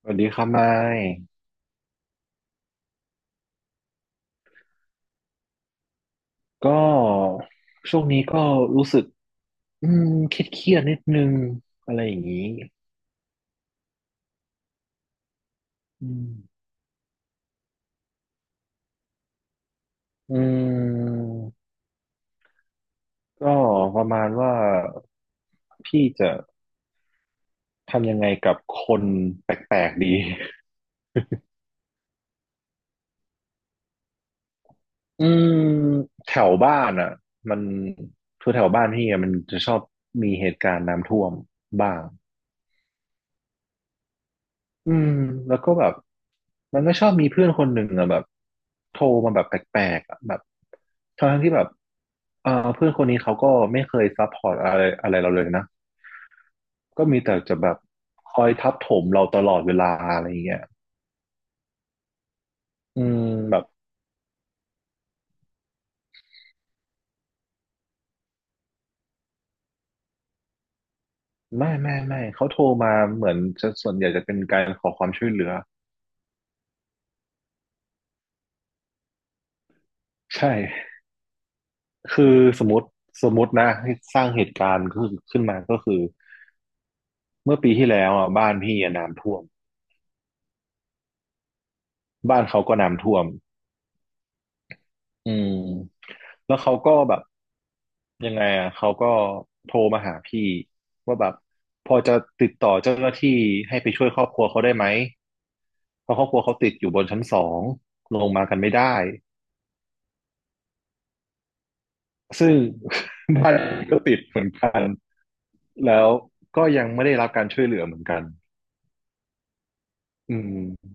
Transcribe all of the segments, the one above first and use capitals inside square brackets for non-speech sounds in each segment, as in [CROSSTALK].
สวัสดีครับไมค์ก็ช่วงนี้ก็รู้สึกเครียดนิดนึงอะไรอย่างนี้อืมอืมก็ประมาณว่าพี่จะทำยังไงกับคนแปลกๆดีอืมแถวบ้านอ่ะมันคือแถวบ้านพี่อะมันจะชอบมีเหตุการณ์น้ำท่วมบ้าง อืมแล้วก็แบบมันก็ชอบมีเพื่อนคนหนึ่งอะแบบโทรมาแบบแปลกๆอะแบบทั้งที่แบบเออเพื่อนคนนี้เขาก็ไม่เคยซัพพอร์ตอะไรอะไรเราเลยนะก็มีแต่จะแบบคอยทับถมเราตลอดเวลาอะไรอย่างเงี้ยอืมแบบไม่เขาโทรมาเหมือนจะส่วนใหญ่จะเป็นการขอความช่วยเหลือใช่คือสมมติสมมตินะให้สร้างเหตุการณ์ขึ้นมาก็คือเมื่อปีที่แล้วอ่ะบ้านพี่อะน้ำท่วมบ้านเขาก็น้ำท่วม อืมแล้วเขาก็แบบยังไงอ่ะเขาก็โทรมาหาพี่ว่าแบบพอจะติดต่อเจ้าหน้าที่ให้ไปช่วยครอบครัวเขาได้ไหมเพราะครอบครัวเขาติดอยู่บนชั้นสองลงมากันไม่ได้ซึ่ง [LAUGHS] บ้านก็ติดเหมือนกันแล้วก็ยังไม่ได้รับการช่วยเหลือเหมือนกันอืม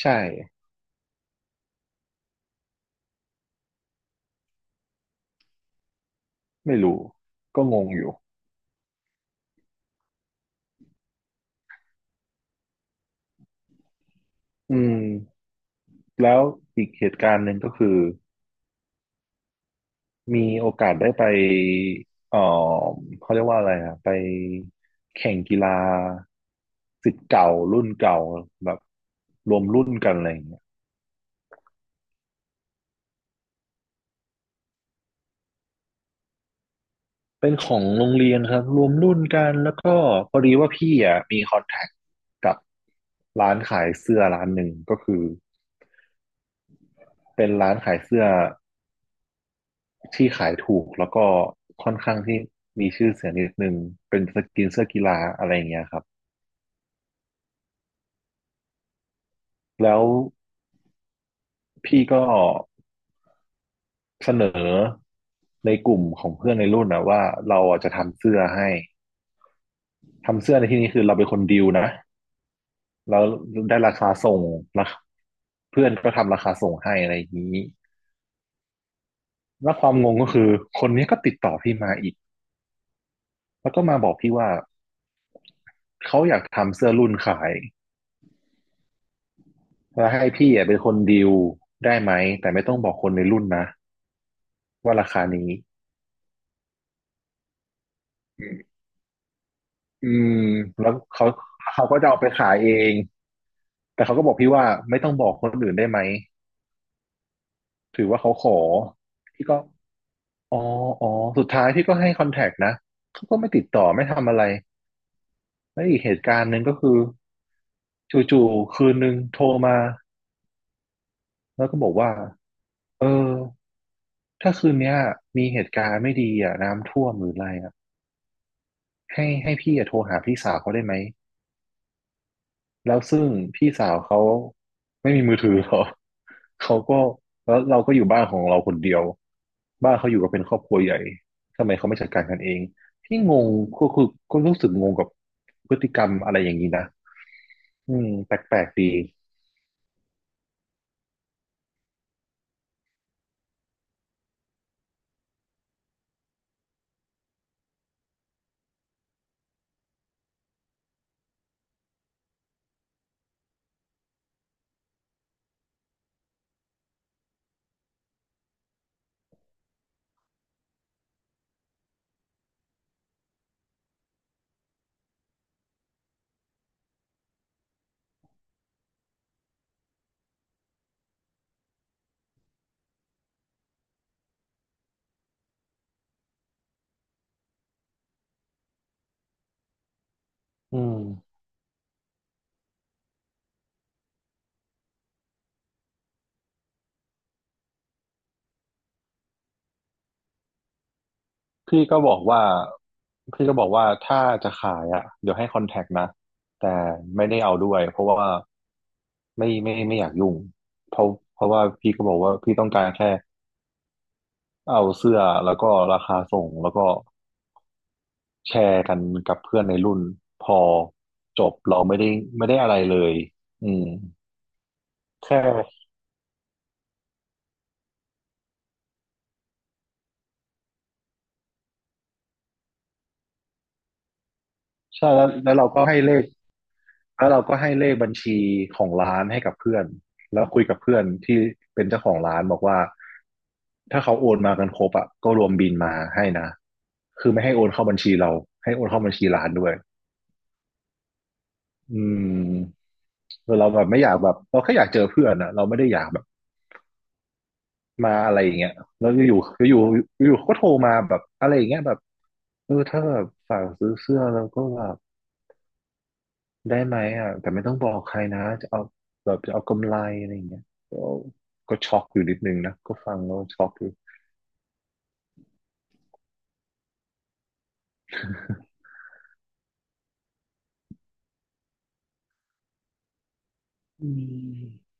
ใช่ไม่รู้ก็งงอยู่อืมแล้วอีกเหตุการณ์หนึ่งก็คือ มีโอกาสได้ไปเอ่อเขาเรียกว่าอะไรอะไปแข่งกีฬาศิษย์เก่ารุ่นเก่าแบบรวมรุ่นกันอะไรอย่างเงี้ยเป็นของโรงเรียนครับรวมรุ่นกันแล้วก็พอดีว่าพี่อ่ะมีคอนแทคกับร้านขายเสื้อร้านหนึ่งก็คือเป็นร้านขายเสื้อที่ขายถูกแล้วก็ค่อนข้างที่มีชื่อเสียงนิดนึงเป็นสกินเสื้อกีฬาอะไรอย่างเงี้ยครับแล้วพี่ก็ เสนอในกลุ่มของเพื่อนในรุ่นนะว่าเราอ่ะจะทำเสื้อให้ทำเสื้อในที่นี้คือเราเป็นคนดีลนะแล้วได้ราคาส่งนะเพื่อนก็ทำราคาส่งให้อะไรอย่างนี้แล้วความงงก็คือคนนี้ก็ติดต่อพี่มาอีกแล้วก็มาบอกพี่ว่าเขาอยากทำเสื้อรุ่นขายแล้วให้พี่อ่ะเป็นคนดีลได้ไหมแต่ไม่ต้องบอกคนในรุ่นนะว่าราคานี้อืมแล้วเขาก็จะเอาไปขายเองแต่เขาก็บอกพี่ว่าไม่ต้องบอกคนอื่นได้ไหม ถือว่าเขาขอพี่ก็อ๋ออ๋อสุดท้ายพี่ก็ให้คอนแทคนะเขาก็ไม่ติดต่อไม่ทำอะไรแล้วอีกเหตุการณ์หนึ่งก็คือจู่ๆคืนหนึ่งโทรมาแล้วก็บอกว่าเออถ้าคืนเนี้ยมีเหตุการณ์ไม่ดีอ่ะน้ำท่วมหรืออะไรอ่ะให้พี่อ่ะโทรหาพี่สาวเขาได้ไหม แล้วซึ่งพี่สาวเขาไม่มีมือถือหรอก [LAUGHS] เขาก็แล้วเราก็อยู่บ้านของเราคนเดียวบ้านเขาอยู่กันเป็นครอบครัวใหญ่ทำไมเขาไม่จัดการกันเองพี่งงก็คือก็รู้สึกงงกับพฤติกรรมอะไรอย่างนี้นะอืมแปลกๆดีอืมพี่ก็บอกว่าพี่ก็บอกว่าถ้าจะขายอ่ะเดี๋ยวให้คอนแทคนะแต่ไม่ได้เอาด้วยเพราะว่าไม่อยากยุ่งเพราะเพราะว่าพี่ก็บอกว่าพี่ต้องการแค่ เอาเสื้อแล้วก็ราคาส่งแล้วก็แชร์กันกับเพื่อนในรุ่นพอจบเราไม่ได้ไม่ได้อะไรเลยอืมแค่ใช่แล้วแล้วเราก็ให้เลขแล้วเราก็ให้เลขบัญชีของร้านให้กับเพื่อนแล้วคุยกับเพื่อนที่เป็นเจ้าของร้านบอกว่าถ้าเขาโอนมากันครบอ่ะก็รวมบินมาให้นะคือไม่ให้โอนเข้าบัญชีเราให้โอนเข้าบัญชีร้านด้วยอืมเราแบบไม่อยากแบบเราแค่อยากเจอเพื่อนอะเราไม่ได้อยากแบบ มาอะไรอย่างเงี้ยแล้วก็อยู่เขาก็โทรมาแบบอะไรอย่างเงี้ยแบบถ้าแบบฝากซื้อเสื้อแล้วก็แบบได้ไหมอ่ะแต่ไม่ต้องบอกใครนะจะเอาแบบจะเอากำไรอะไรอย่างเงี้ยก็ก็ช็อกอยู่นิดนึงนะก็ฟังแล้วช็อกอยู่อืม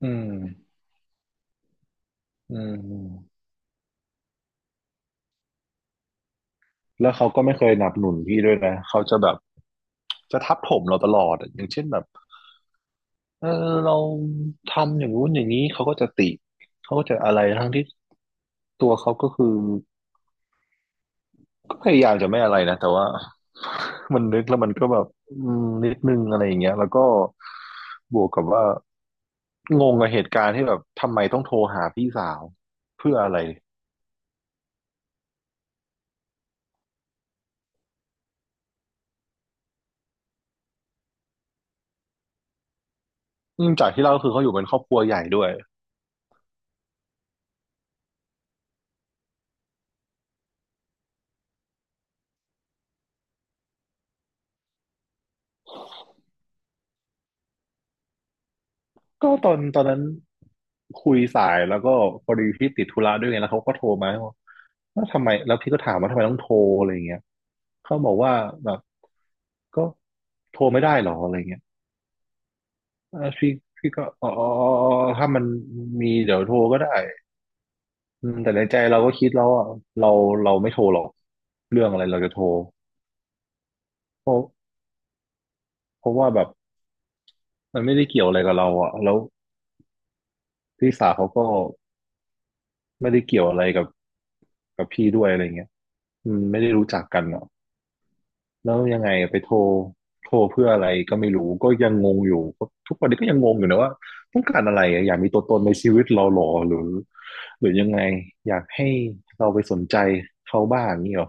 อืมอืมแล้วเขาก็ไม่เคยหนับหนุนพี่ด้วยนะเขาจะแบบจะทับถมเราตลอดอะอย่างเช่นแบบเออเราทำอย่างนู้นอย่างนี้เขาก็จะติเขาก็จะอะไรทั้งที่ตัวเขาก็คือ ก็พยายามจะไม่อะไรนะแต่ว่า [LAUGHS] มันนึกแล้วมันก็แบบอืมนิดนึงอะไรอย่างเงี้ยแล้วก็บวกกับว่างงกับเหตุการณ์ที่แบบทำไมต้องโทรหาพี่สาวเพื่ออะไรอืมจากที่เล่าก็คือเขาอยู่เป็นครอบครัวใหญ่ด้วยก็ตอนนั้นคุยสายแล้วก็พอดีพี่ติดธุระด้วยไงแล้วเขาก็โทรมาว่าแล้วทำไมแล้วพี่ก็ถามว่าทำไมต้องโทรอะไรอย่างเงี้ยเขาบอกว่าแบบก็โทรไม่ได้หรออะไรเงี้ย เออพี่ก็อ๋อถ้ามันมีเดี๋ยวโทรก็ได้อืมแต่ในใจเราก็คิดแล้วอ่ะเราเราไม่โทรหรอกเรื่องอะไรเราจะโทรเพราะเพราะว่าแบบมันไม่ได้เกี่ยวอะไรกับเราอ่ะแล้วพี่สาวเขาก็ไม่ได้เกี่ยวอะไรกับพี่ด้วยอะไรเงี้ยอืมไม่ได้รู้จักกันอ่ะ แล้วยังไงไปโทรโทรเพื่ออะไรก็ไม่รู้ก็ยังงงอยู่ทุกวันนี้ก็ยังงงอยู่นะว่าต้องการอะไรอะอยากมีตัวตนในชีวิตเราหรอหรือหรือยังไงอยากให้เราไปสนใจเขาบ้างนี่หรอ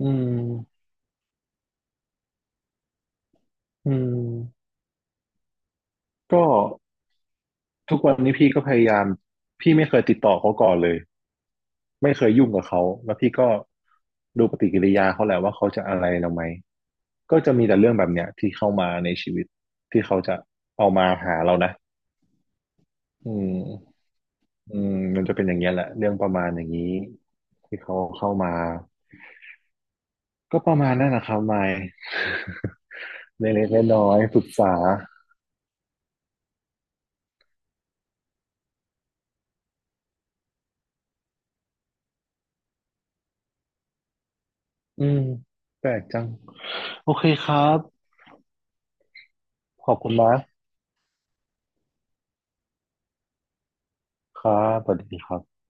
อืมอืมก็ทุกวันนี้พี่ก็พยายามพี่ไม่เคยติดต่อเขาก่อนเลยไม่เคยยุ่งกับเขาแล้วพี่ก็ดูปฏิกิริยาเขาแหละว่าเขาจะอะไรเราไหมก็จะมีแต่เรื่องแบบเนี้ยที่เข้ามาในชีวิตที่เขาจะเอามาหาเรานะอืม อืมมันจะเป็นอย่างเงี้ยแหละเรื่องประมาณอย่างนี้ที่เขาเข้ามาก็ประมาณนั้นนะครับมายเล็กๆน้อยๆปรึกษาอืมแปลกจังโอเคครับขอบคุณมากครับสวัสดีครับ